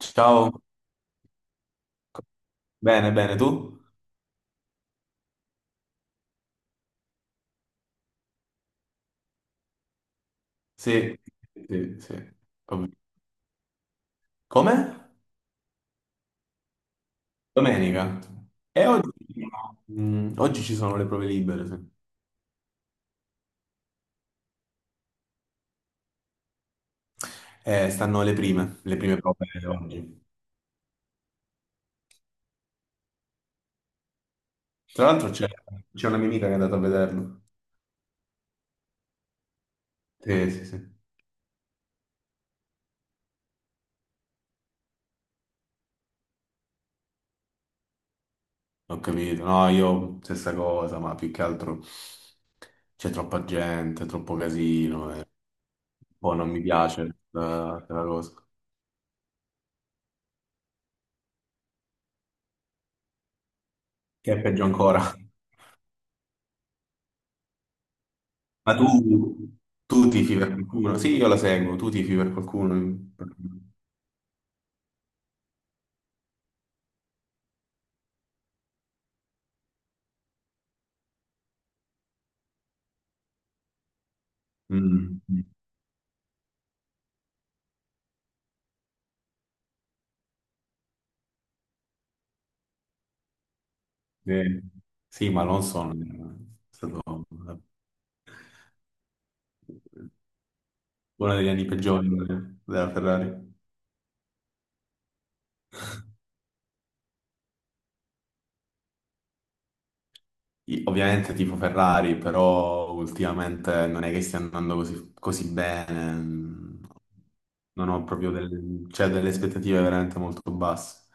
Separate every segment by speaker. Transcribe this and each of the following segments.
Speaker 1: Ciao, bene, bene, tu? Sì, sì, sì. Vabbè. Come? Domenica. E oggi, oggi ci sono le prove libere, sì. Stanno le prime prove oggi. Tra l'altro c'è una mia amica che è andata a vederlo. Sì, sì, sì, ho capito. No, io stessa cosa, ma più che altro c'è troppa gente, troppo casino e poi non mi piace la cosa. Che è peggio ancora. Ma tu tifi per qualcuno? Sì, io la seguo, tu tifi per qualcuno? Mm, eh, sì, ma Alonso è stato uno degli anni peggiori della Ferrari. Io ovviamente tipo Ferrari, però ultimamente non è che stia andando così, così bene. Non ho proprio delle, cioè, delle aspettative veramente molto basse.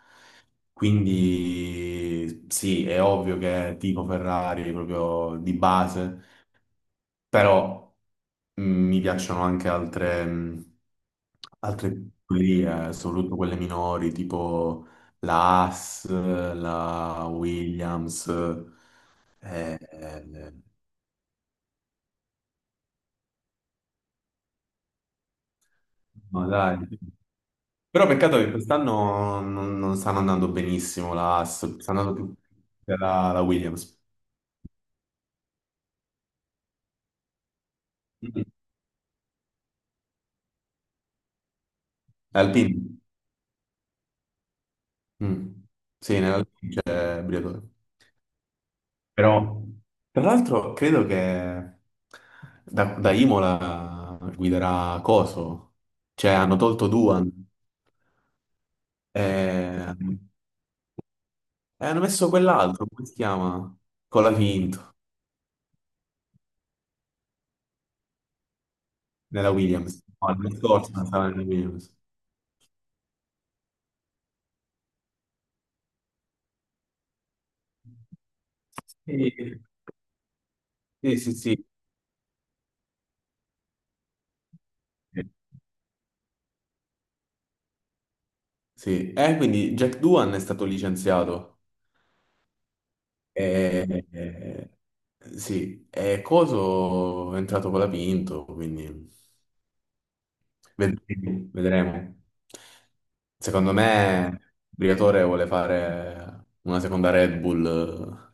Speaker 1: Quindi sì, è ovvio che tipo Ferrari proprio di base. Però mi piacciono anche altre, altre librerie, soprattutto quelle minori, tipo la Haas, la Williams. Eh, no, dai. Però peccato che quest'anno non stanno andando benissimo la Haas, sta andando più per la Williams. Mm. Alpine. Mm. Sì, nell'Alpine c'è Briatore. Però tra l'altro credo che da Imola guiderà Coso, cioè hanno tolto Duan e, e hanno messo quell'altro, come si chiama? Colafinto, nella Williams. No, l'anno scorso non stava nella Williams. Sì, sì, sì. Sì. Sì. E quindi Jack Duan è stato licenziato. E, e- sì, e Coso è entrato con la Pinto, quindi... Vedremo. Vedremo. Secondo me, Briatore vuole fare una seconda Red Bull,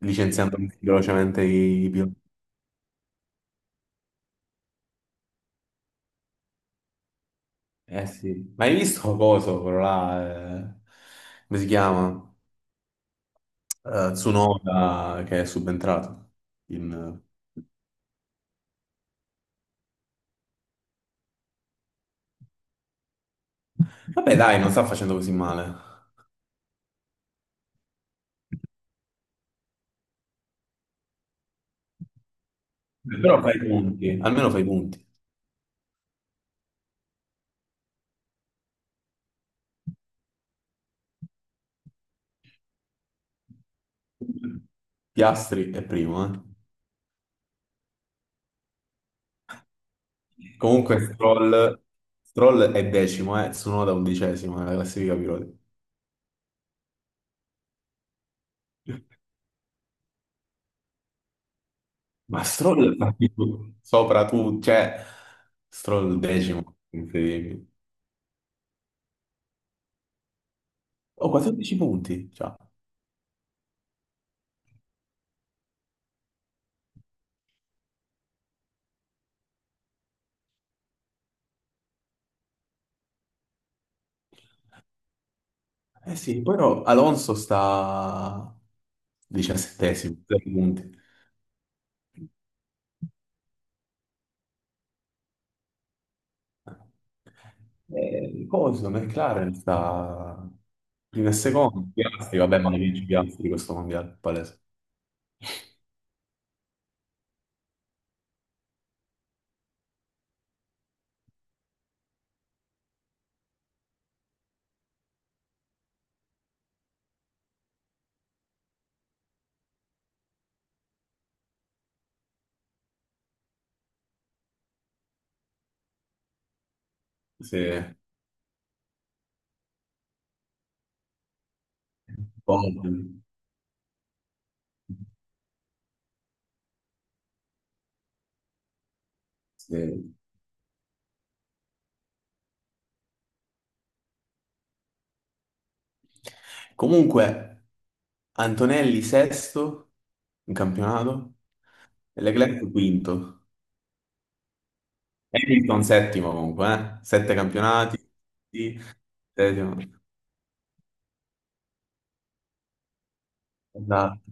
Speaker 1: licenziando velocemente i piloti. Eh sì, ma hai visto cosa quello là? Come si chiama? Tsunoda che è subentrato. in- Vabbè, dai, non sta facendo così male. Però fai i punti, almeno fai i punti. Piastri è primo, eh. Comunque Stroll, Stroll è decimo, Tsunoda undicesimo nella classifica piloti. Ma Stroll fa tipo sopra tu, cioè Stroll decimo, incredibile. Oh, 14 punti, già. Eh sì, però Alonso sta diciassettesimo, 3 punti. Coso, McLaren sta prima e secondo, Piastri, vabbè, ma ne vince Piastri questo mondiale, palese. Sì. Poi, sì. Comunque, Antonelli sesto in campionato e Leclerc quinto. Hamilton settimo comunque, eh? Sette campionati. Sì, settimo. Esatto.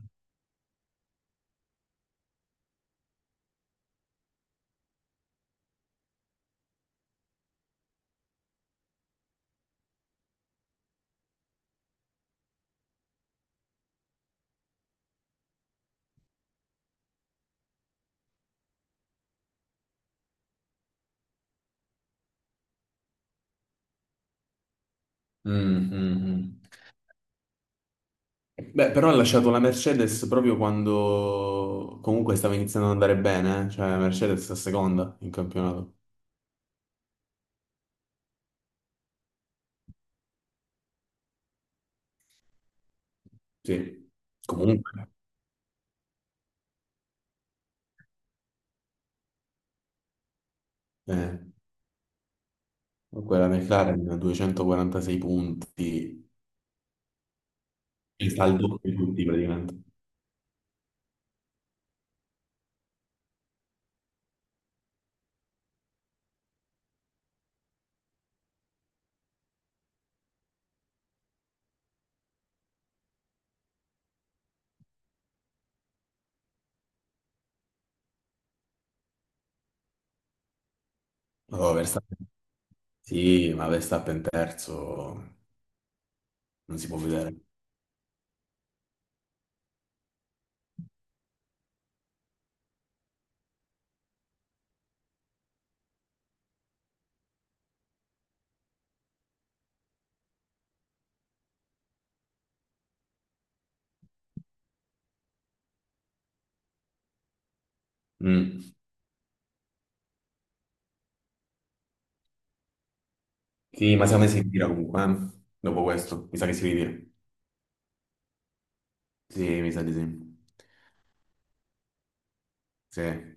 Speaker 1: Mm, mm, mm. Beh, però ha lasciato la Mercedes proprio quando comunque stava iniziando ad andare bene, eh? Cioè la Mercedes è seconda in campionato. Sì, comunque, eh, quella McLaren 246 punti, il saldo di tutti praticamente. Oh, Verstappen. Sì, ma Verstappen terzo non si può vedere. Mm. Sì, ma secondo me si ritira comunque, eh? Dopo questo, mi sa che si ritira. Sì, mi sa di sì. Sì.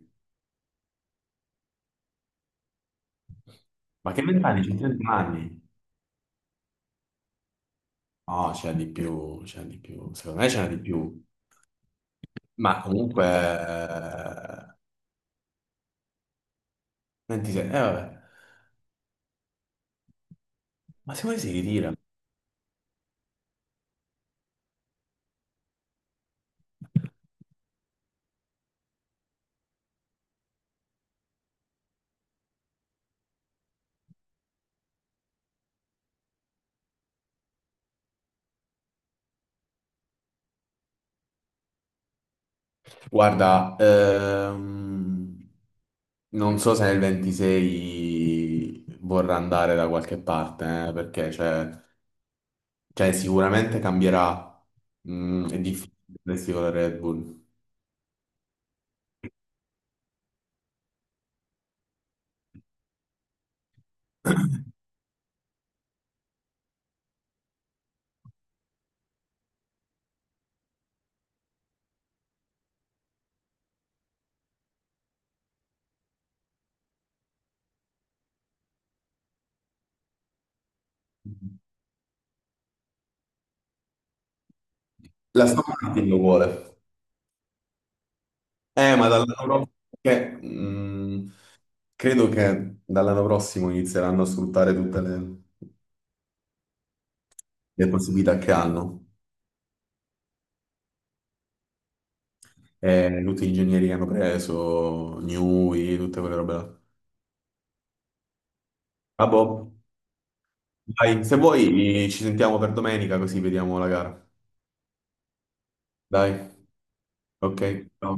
Speaker 1: Ma che vent'anni? C'è 30 anni? No, c'è di più, c'è di più. Secondo me c'è di più. Ma comunque... 26, vabbè. Ma secondo me si ritira. Guarda, non so se nel 26 vorrà andare da qualche parte, perché cioè, cioè, sicuramente cambierà. Mm, è difficile resti con la Red Bull. La Aston Martin lo vuole. Ma dall'anno prossimo... che, credo che dall'anno prossimo inizieranno a sfruttare tutte le possibilità che hanno. Tutti gli ingegneri che hanno preso, Newey, tutte quelle robe là. Ah, boh. Dai, se vuoi, ci sentiamo per domenica così vediamo la gara. Dai, ok. Ciao.